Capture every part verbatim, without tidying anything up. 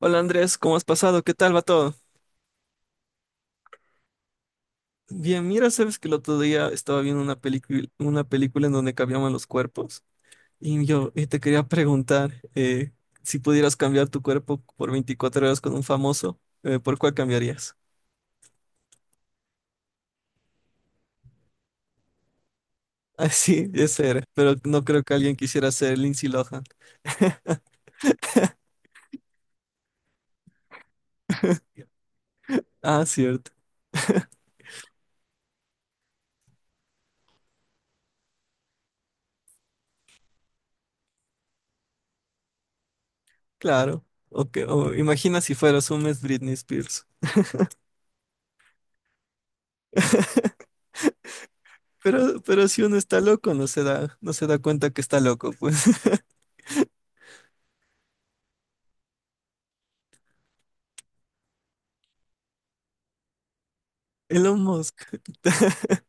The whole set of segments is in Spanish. Hola Andrés, ¿cómo has pasado? ¿Qué tal va todo? Bien, mira, sabes que el otro día estaba viendo una película, una película en donde cambiaban los cuerpos y yo eh, te quería preguntar eh, si pudieras cambiar tu cuerpo por veinticuatro horas con un famoso, eh, ¿por cuál cambiarías? Ah, sí, ese era, pero no creo que alguien quisiera ser Lindsay Lohan. Ah, cierto, claro. O que- o imagina si fueras un mes Britney Spears. Pero, pero si uno está loco, no se da, no se da cuenta que está loco, pues. Elon Musk.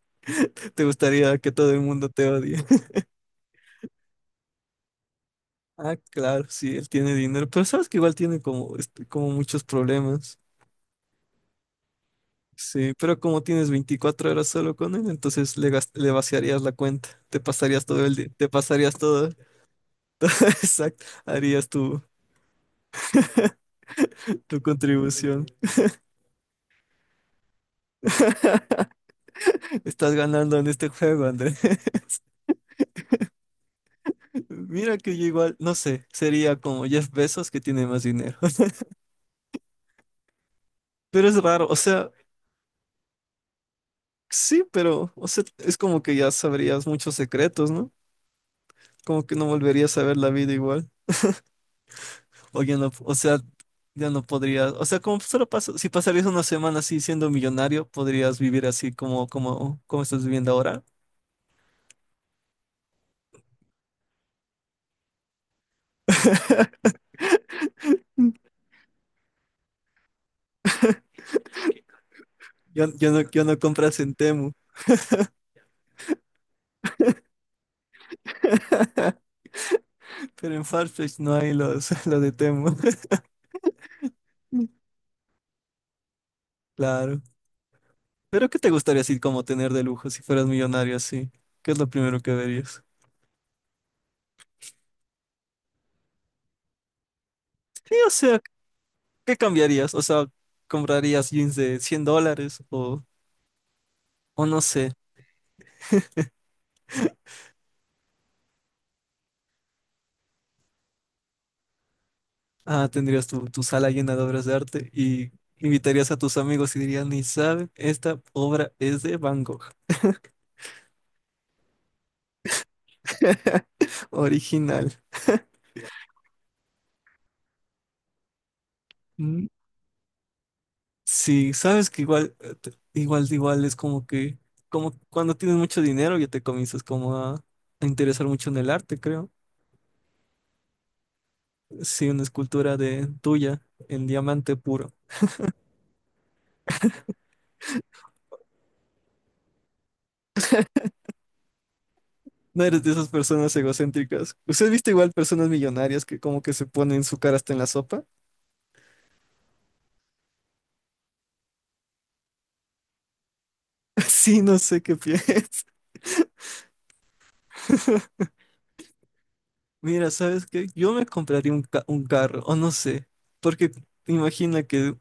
¿Te gustaría que todo el mundo te odie? Ah, claro, sí, él tiene dinero, pero sabes que igual tiene como, este, como muchos problemas. Sí, pero como tienes 24 horas solo con él, entonces le, gas- le vaciarías la cuenta, te pasarías todo el día, te pasarías todo, exacto, harías tu, tu contribución. Estás ganando en este juego, André. Mira que yo igual, no sé, sería como Jeff Bezos que tiene más dinero. Pero es raro, o sea, sí, pero, o sea, es como que ya sabrías muchos secretos, ¿no? Como que no volverías a ver la vida igual. O ya no, o sea, ya no podrías, o sea, como solo pasa, si pasarías una semana así siendo millonario, podrías vivir así como, como, como estás viviendo ahora. Yo, yo no, yo no compras en Temu, pero en Farfetch no hay los, lo de Temu. Claro. Pero ¿qué te gustaría así como tener de lujo si fueras millonario así? ¿Qué es lo primero que verías? Sí, o sea, ¿qué cambiarías? O sea, ¿comprarías jeans de cien dólares o, o no sé? Ah, tendrías tu, tu sala llena de obras de arte y invitarías a tus amigos y dirías, ni saben, esta obra es de Van Gogh, original. Mm, sí, sabes que igual, eh, te- igual, igual es como que, como cuando tienes mucho dinero ya te comienzas como a, a interesar mucho en el arte, creo. Sí, una escultura de tuya en diamante puro. No eres de esas personas egocéntricas. ¿Usted ha visto igual personas millonarias que como que se ponen su cara hasta en la sopa? Sí, no sé qué piensas. Mira, ¿sabes qué? Yo me compraría un, ca- un carro, o no sé, porque imagina que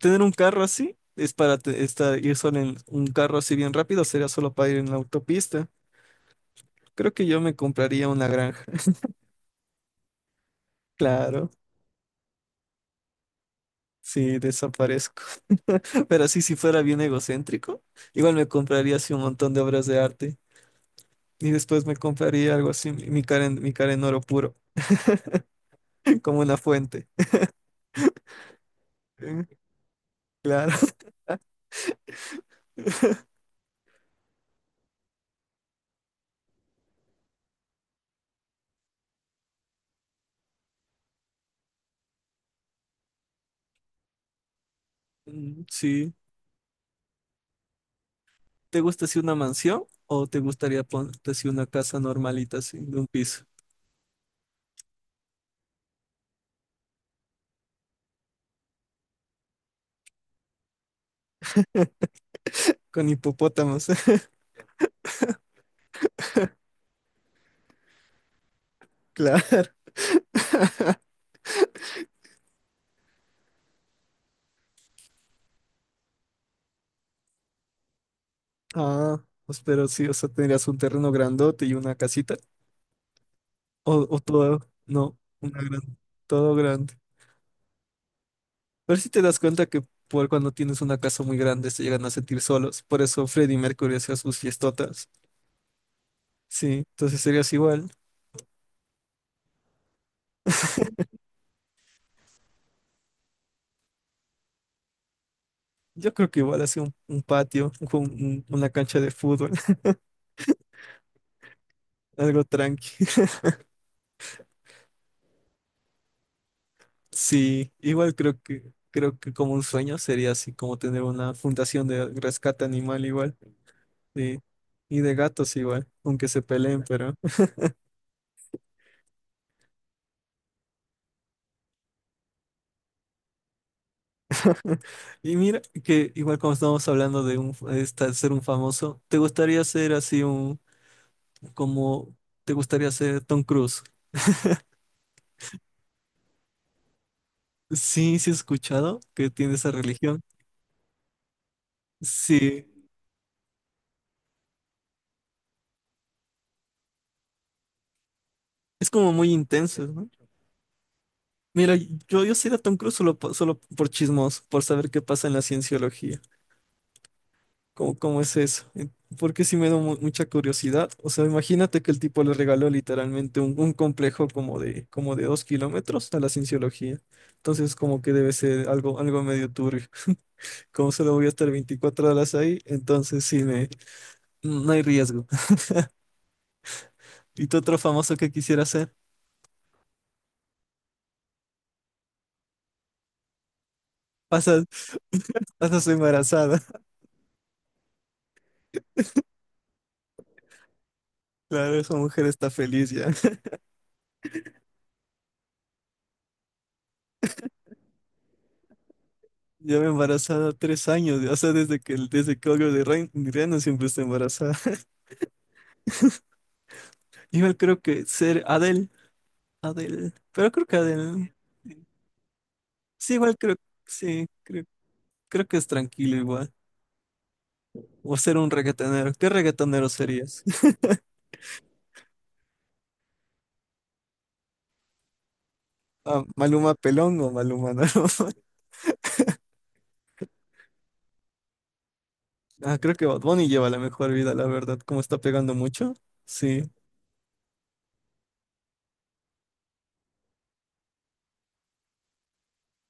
tener un carro así es para te- estar, ir solo en un carro así bien rápido, sería solo para ir en la autopista. Creo que yo me compraría una granja, claro, sí, desaparezco. Pero así, si fuera bien egocéntrico, igual me compraría así un montón de obras de arte y después me compraría algo así, mi mi cara en, mi cara en oro puro, como una fuente. Eh, Claro, Mm, sí. ¿Te gusta así una mansión o te gustaría ponerte así una casa normalita, así, de un piso? Con hipopótamos, claro. Ah, pues pero sí, o sea, tendrías un terreno grandote y una casita. O, o todo, no, una gran, todo grande. Pero si te das cuenta que por cuando tienes una casa muy grande se llegan a sentir solos. Por eso Freddie Mercury hacía sus fiestotas. Sí, entonces serías igual. Yo creo que igual así un, un patio, un- un- una cancha de fútbol, algo tranqui. Sí, igual creo que creo que como un sueño sería así como tener una fundación de rescate animal igual sí, y de gatos igual, aunque se peleen, pero y mira que igual como estamos hablando de un de esta- ser un famoso, ¿te gustaría ser así un como te gustaría ser Tom Cruise? Sí, sí he escuchado que tiene esa religión. Sí, es como muy intenso, ¿no? Mira, yo yo sería Tom Cruise solo po- solo por chismos, por saber qué pasa en la cienciología. ¿Cómo, cómo es eso? En- Porque sí me da mu- mucha curiosidad. O sea, imagínate que el tipo le regaló literalmente un, un complejo como de, como de dos kilómetros a la cienciología. Entonces, como que debe ser algo, algo medio turbio. Como solo voy a estar veinticuatro horas ahí, entonces sí me, no hay riesgo. ¿Y tú otro famoso que quisiera hacer? Pasas, pasas embarazada. Claro, esa mujer está feliz ya. Lleva embarazada tres años, o sea, desde que, desde que Olga de Ren, Reno siempre está embarazada. Yo creo que ser Adele Adele. Pero creo que Adele. Sí, igual creo. Sí, creo, creo que es tranquilo igual. O ser un reggaetonero. ¿Qué reggaetonero serías? Ah, ¿Maluma Pelón o Maluma no? Ah, creo que Bad Bunny lleva la mejor vida, la verdad. Como está pegando mucho. Sí.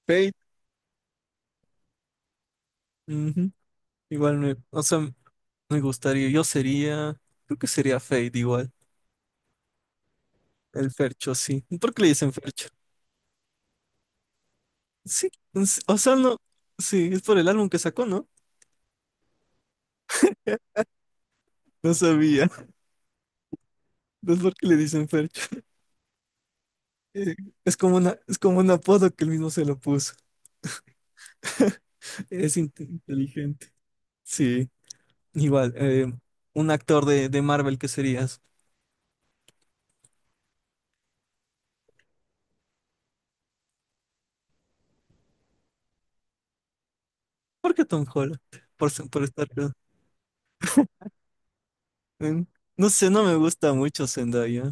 Fate. Ujú. Igual me. O sea, me gustaría. Yo sería. Creo que sería Fate igual. El Fercho, sí. ¿Por qué le dicen Fercho? Sí. es- O sea, no. Sí, es por el álbum que sacó, ¿no? No sabía. ¿Es por qué le dicen Fercho? Eh, Es como una, es como un apodo que él mismo se lo puso. Es inte- inteligente. Sí, igual. eh, un actor de, de Marvel que serías. ¿Por qué Tom Holland? Por, ser- por estar. eh, no sé, no me gusta mucho Zendaya.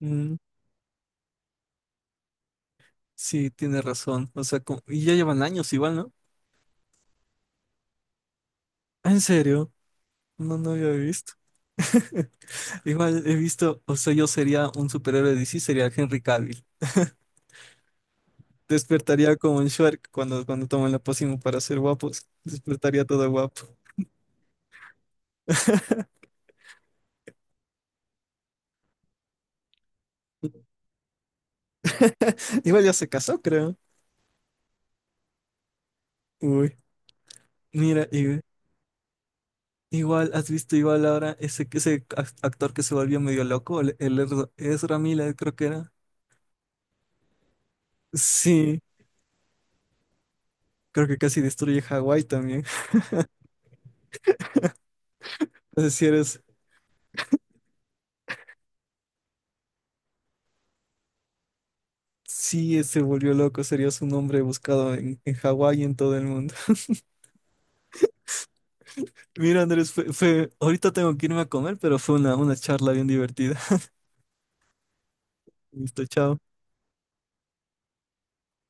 Mm, sí, tiene razón. O sea, co- y ya llevan años igual, ¿no? Ah, ¿En serio? No, no había visto. Igual he visto, o sea, yo sería un superhéroe de D C, sería Henry Cavill. Despertaría como en Shrek cuando, cuando toman la pócima para ser guapos. Despertaría todo guapo. Igual ya se casó, creo. Uy, mira, y- igual, ¿has visto igual ahora ese, ese ac- actor que se volvió medio loco? El, el Ezra Ezra Miller, creo que era. Sí, creo que casi destruye Hawái también. Es si eres sí, se volvió loco, serías un hombre buscado en, en Hawái y en todo el mundo. Mira, Andrés, fue, fue, ahorita tengo que irme a comer, pero fue una, una charla bien divertida. Listo, chao.